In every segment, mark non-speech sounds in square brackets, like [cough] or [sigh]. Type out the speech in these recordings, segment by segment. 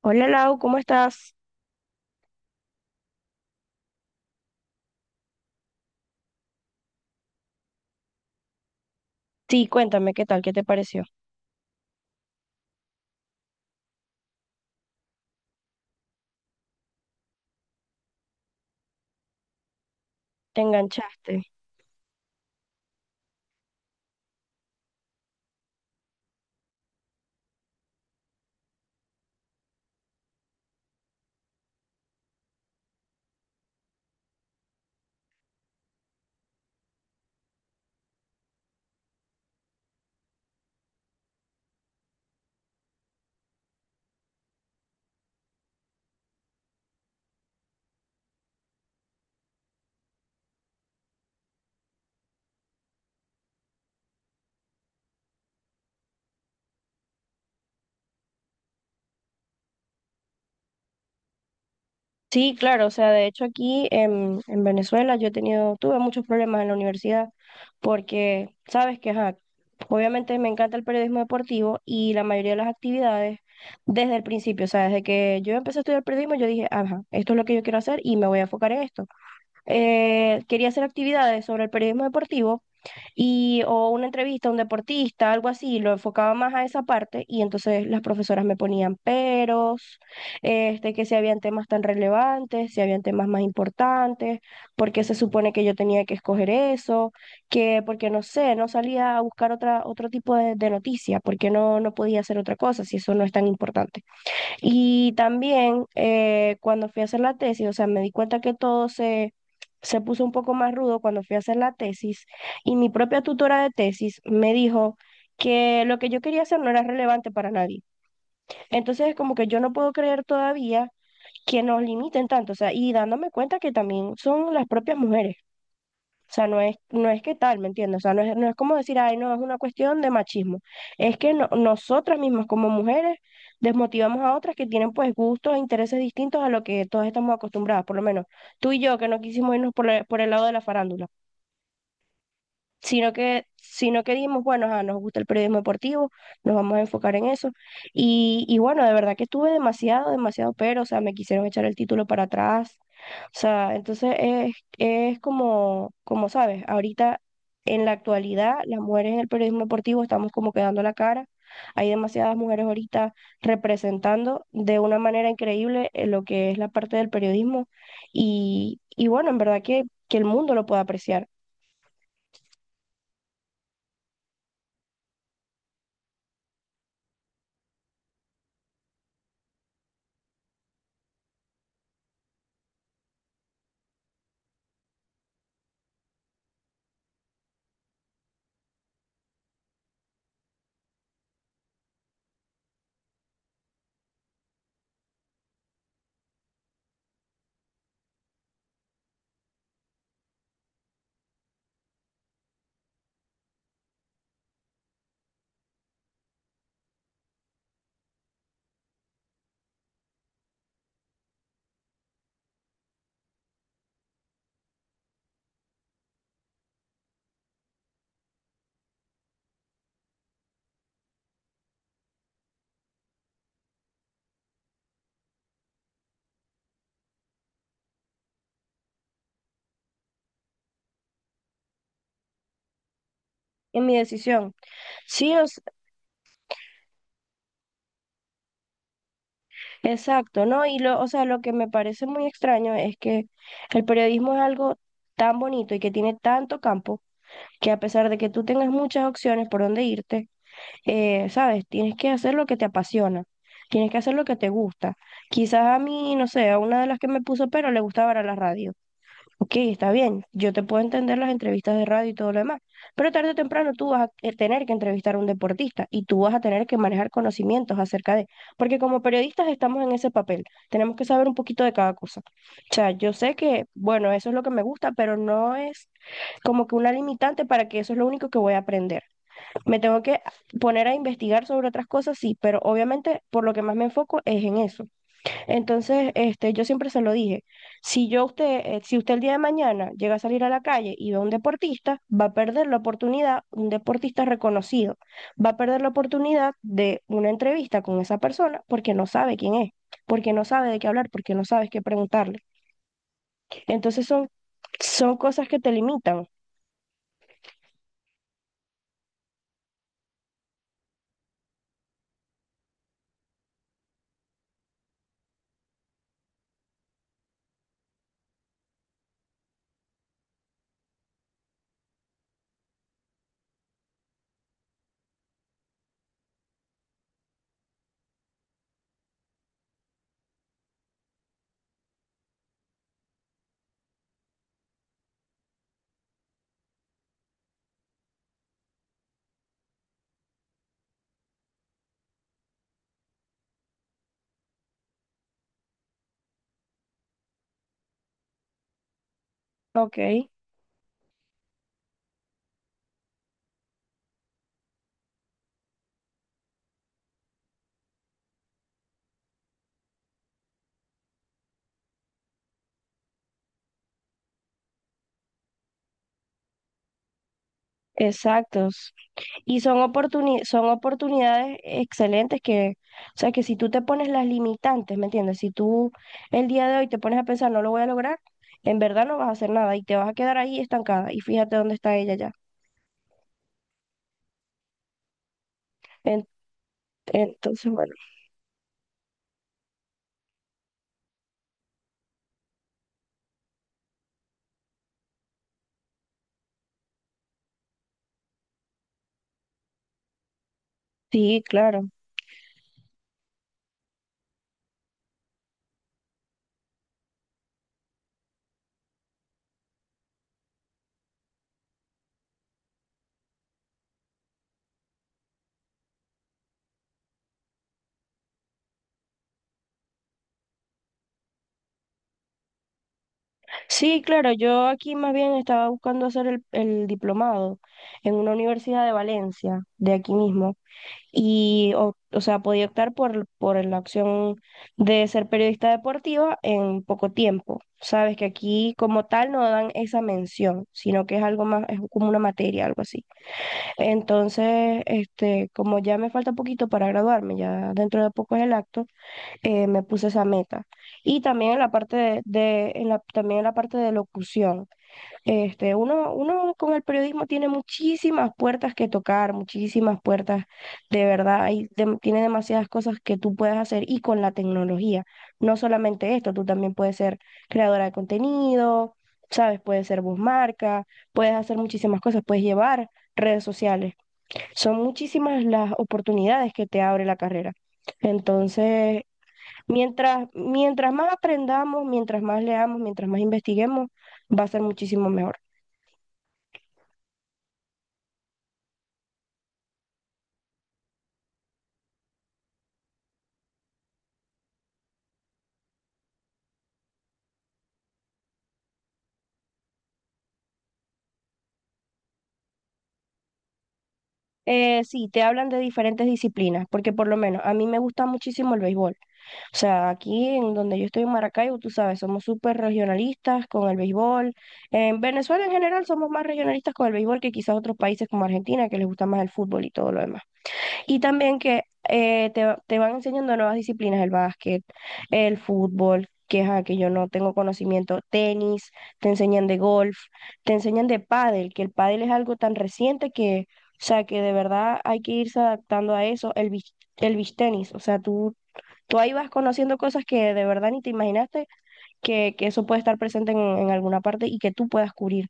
Hola Lau, ¿cómo estás? Sí, cuéntame qué tal, qué te pareció. ¿Te enganchaste? Sí, claro, o sea, de hecho aquí en Venezuela yo he tenido, tuve muchos problemas en la universidad porque, sabes que, ajá, obviamente me encanta el periodismo deportivo y la mayoría de las actividades desde el principio, o sea, desde que yo empecé a estudiar periodismo yo dije, ajá, esto es lo que yo quiero hacer y me voy a enfocar en esto. Quería hacer actividades sobre el periodismo deportivo, y o una entrevista a un deportista, algo así, lo enfocaba más a esa parte y entonces las profesoras me ponían peros, este, que si habían temas tan relevantes, si habían temas más importantes, porque se supone que yo tenía que escoger eso, que porque no sé, no salía a buscar otra, otro tipo de noticia, porque no, no podía hacer otra cosa si eso no es tan importante. Y también cuando fui a hacer la tesis, o sea, me di cuenta que todo se puso un poco más rudo cuando fui a hacer la tesis y mi propia tutora de tesis me dijo que lo que yo quería hacer no era relevante para nadie. Entonces es como que yo no puedo creer todavía que nos limiten tanto, o sea, y dándome cuenta que también son las propias mujeres. O sea, no es que tal, ¿me entiendes? O sea, no es como decir, ay, no, es una cuestión de machismo. Es que nosotras mismas como mujeres desmotivamos a otras que tienen pues gustos e intereses distintos a lo que todas estamos acostumbradas, por lo menos tú y yo que no quisimos irnos por, por el lado de la farándula sino que dijimos, bueno, ajá, nos gusta el periodismo deportivo, nos vamos a enfocar en eso. Y bueno, de verdad que estuve demasiado, demasiado, pero, o sea, me quisieron echar el título para atrás. O sea, entonces es como, como sabes, ahorita en la actualidad las mujeres en el periodismo deportivo estamos como quedando la cara. Hay demasiadas mujeres ahorita representando de una manera increíble lo que es la parte del periodismo y bueno, en verdad que el mundo lo puede apreciar. En mi decisión. Sí, exacto, ¿no? Y lo, o sea, lo que me parece muy extraño es que el periodismo es algo tan bonito y que tiene tanto campo que a pesar de que tú tengas muchas opciones por dónde irte, sabes, tienes que hacer lo que te apasiona, tienes que hacer lo que te gusta. Quizás a mí, no sé, a una de las que me puso pero le gustaba era la radio. Ok, está bien, yo te puedo entender las entrevistas de radio y todo lo demás, pero tarde o temprano tú vas a tener que entrevistar a un deportista y tú vas a tener que manejar conocimientos acerca de, porque como periodistas estamos en ese papel, tenemos que saber un poquito de cada cosa. O sea, yo sé que, bueno, eso es lo que me gusta, pero no es como que una limitante para que eso es lo único que voy a aprender. Me tengo que poner a investigar sobre otras cosas, sí, pero obviamente por lo que más me enfoco es en eso. Entonces, este, yo siempre se lo dije, si yo a usted, si usted el día de mañana llega a salir a la calle y ve a un deportista, va a perder la oportunidad, un deportista reconocido, va a perder la oportunidad de una entrevista con esa persona porque no sabe quién es, porque no sabe de qué hablar, porque no sabes qué preguntarle. Entonces son, son cosas que te limitan. Ok, exacto. Y son son oportunidades excelentes o sea, que si tú te pones las limitantes, ¿me entiendes? Si tú el día de hoy te pones a pensar, no lo voy a lograr, en verdad no vas a hacer nada y te vas a quedar ahí estancada. Y fíjate dónde está ella ya. En- entonces, bueno, sí, claro. Sí, claro, yo aquí más bien estaba buscando hacer el diplomado en una universidad de Valencia, de aquí mismo. O sea, podía optar por la opción de ser periodista deportiva en poco tiempo. Sabes que aquí como tal no dan esa mención, sino que es algo más, es como una materia, algo así. Entonces, este, como ya me falta poquito para graduarme, ya dentro de poco es el acto, me puse esa meta. Y también en la parte en la, también en la parte de locución. Este, uno con el periodismo tiene muchísimas puertas que tocar, muchísimas puertas, de verdad, tiene demasiadas cosas que tú puedes hacer y con la tecnología. No solamente esto, tú también puedes ser creadora de contenido, sabes, puedes ser voz marca, puedes hacer muchísimas cosas, puedes llevar redes sociales. Son muchísimas las oportunidades que te abre la carrera. Entonces, mientras más aprendamos, mientras más leamos, mientras más investiguemos, va a ser muchísimo mejor. Sí, te hablan de diferentes disciplinas, porque por lo menos a mí me gusta muchísimo el béisbol. O sea, aquí en donde yo estoy en Maracaibo, tú sabes, somos súper regionalistas con el béisbol. En Venezuela en general somos más regionalistas con el béisbol que quizás otros países como Argentina, que les gusta más el fútbol y todo lo demás. Y también que te van enseñando nuevas disciplinas, el básquet, el fútbol, que, ajá, que yo no tengo conocimiento, tenis, te enseñan de golf, te enseñan de pádel, que el pádel es algo tan reciente que, o sea, que de verdad hay que irse adaptando a eso, el beach tenis, o sea, tú ahí vas conociendo cosas que de verdad ni te imaginaste que eso puede estar presente en alguna parte y que tú puedas cubrir.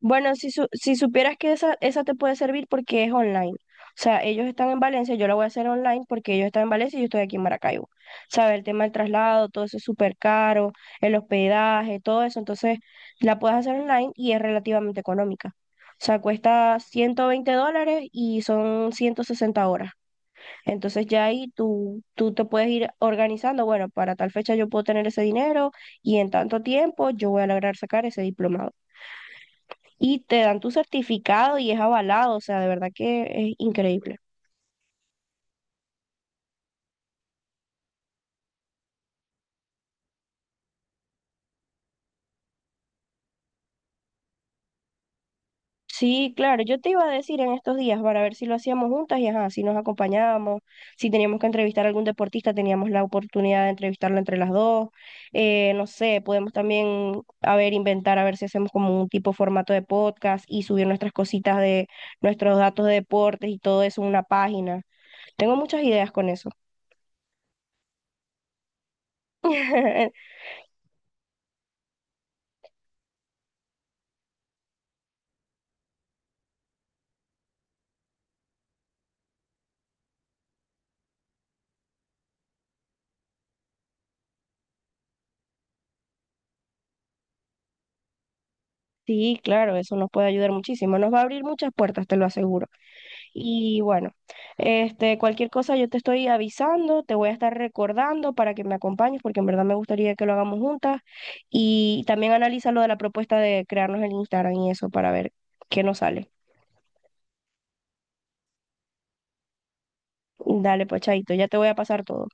Bueno, si supieras que esa te puede servir porque es online. O sea, ellos están en Valencia, yo la voy a hacer online porque ellos están en Valencia y yo estoy aquí en Maracaibo. ¿Sabes? El tema del traslado, todo eso es súper caro, el hospedaje, todo eso. Entonces, la puedes hacer online y es relativamente económica. O sea, cuesta $120 y son 160 horas. Entonces, ya ahí tú te puedes ir organizando. Bueno, para tal fecha yo puedo tener ese dinero y en tanto tiempo yo voy a lograr sacar ese diplomado y te dan tu certificado y es avalado, o sea, de verdad que es increíble. Sí, claro, yo te iba a decir en estos días para ver si lo hacíamos juntas y ajá, si nos acompañábamos, si teníamos que entrevistar a algún deportista, teníamos la oportunidad de entrevistarlo entre las dos, no sé, podemos también, a ver, inventar, a ver si hacemos como un tipo formato de podcast y subir nuestras cositas de nuestros datos de deportes y todo eso en una página. Tengo muchas ideas con eso. [laughs] Sí, claro, eso nos puede ayudar muchísimo, nos va a abrir muchas puertas, te lo aseguro. Y bueno, este, cualquier cosa yo te estoy avisando, te voy a estar recordando para que me acompañes, porque en verdad me gustaría que lo hagamos juntas. Y también analiza lo de la propuesta de crearnos el Instagram y eso para ver qué nos sale. Dale, pues, chaito, ya te voy a pasar todo.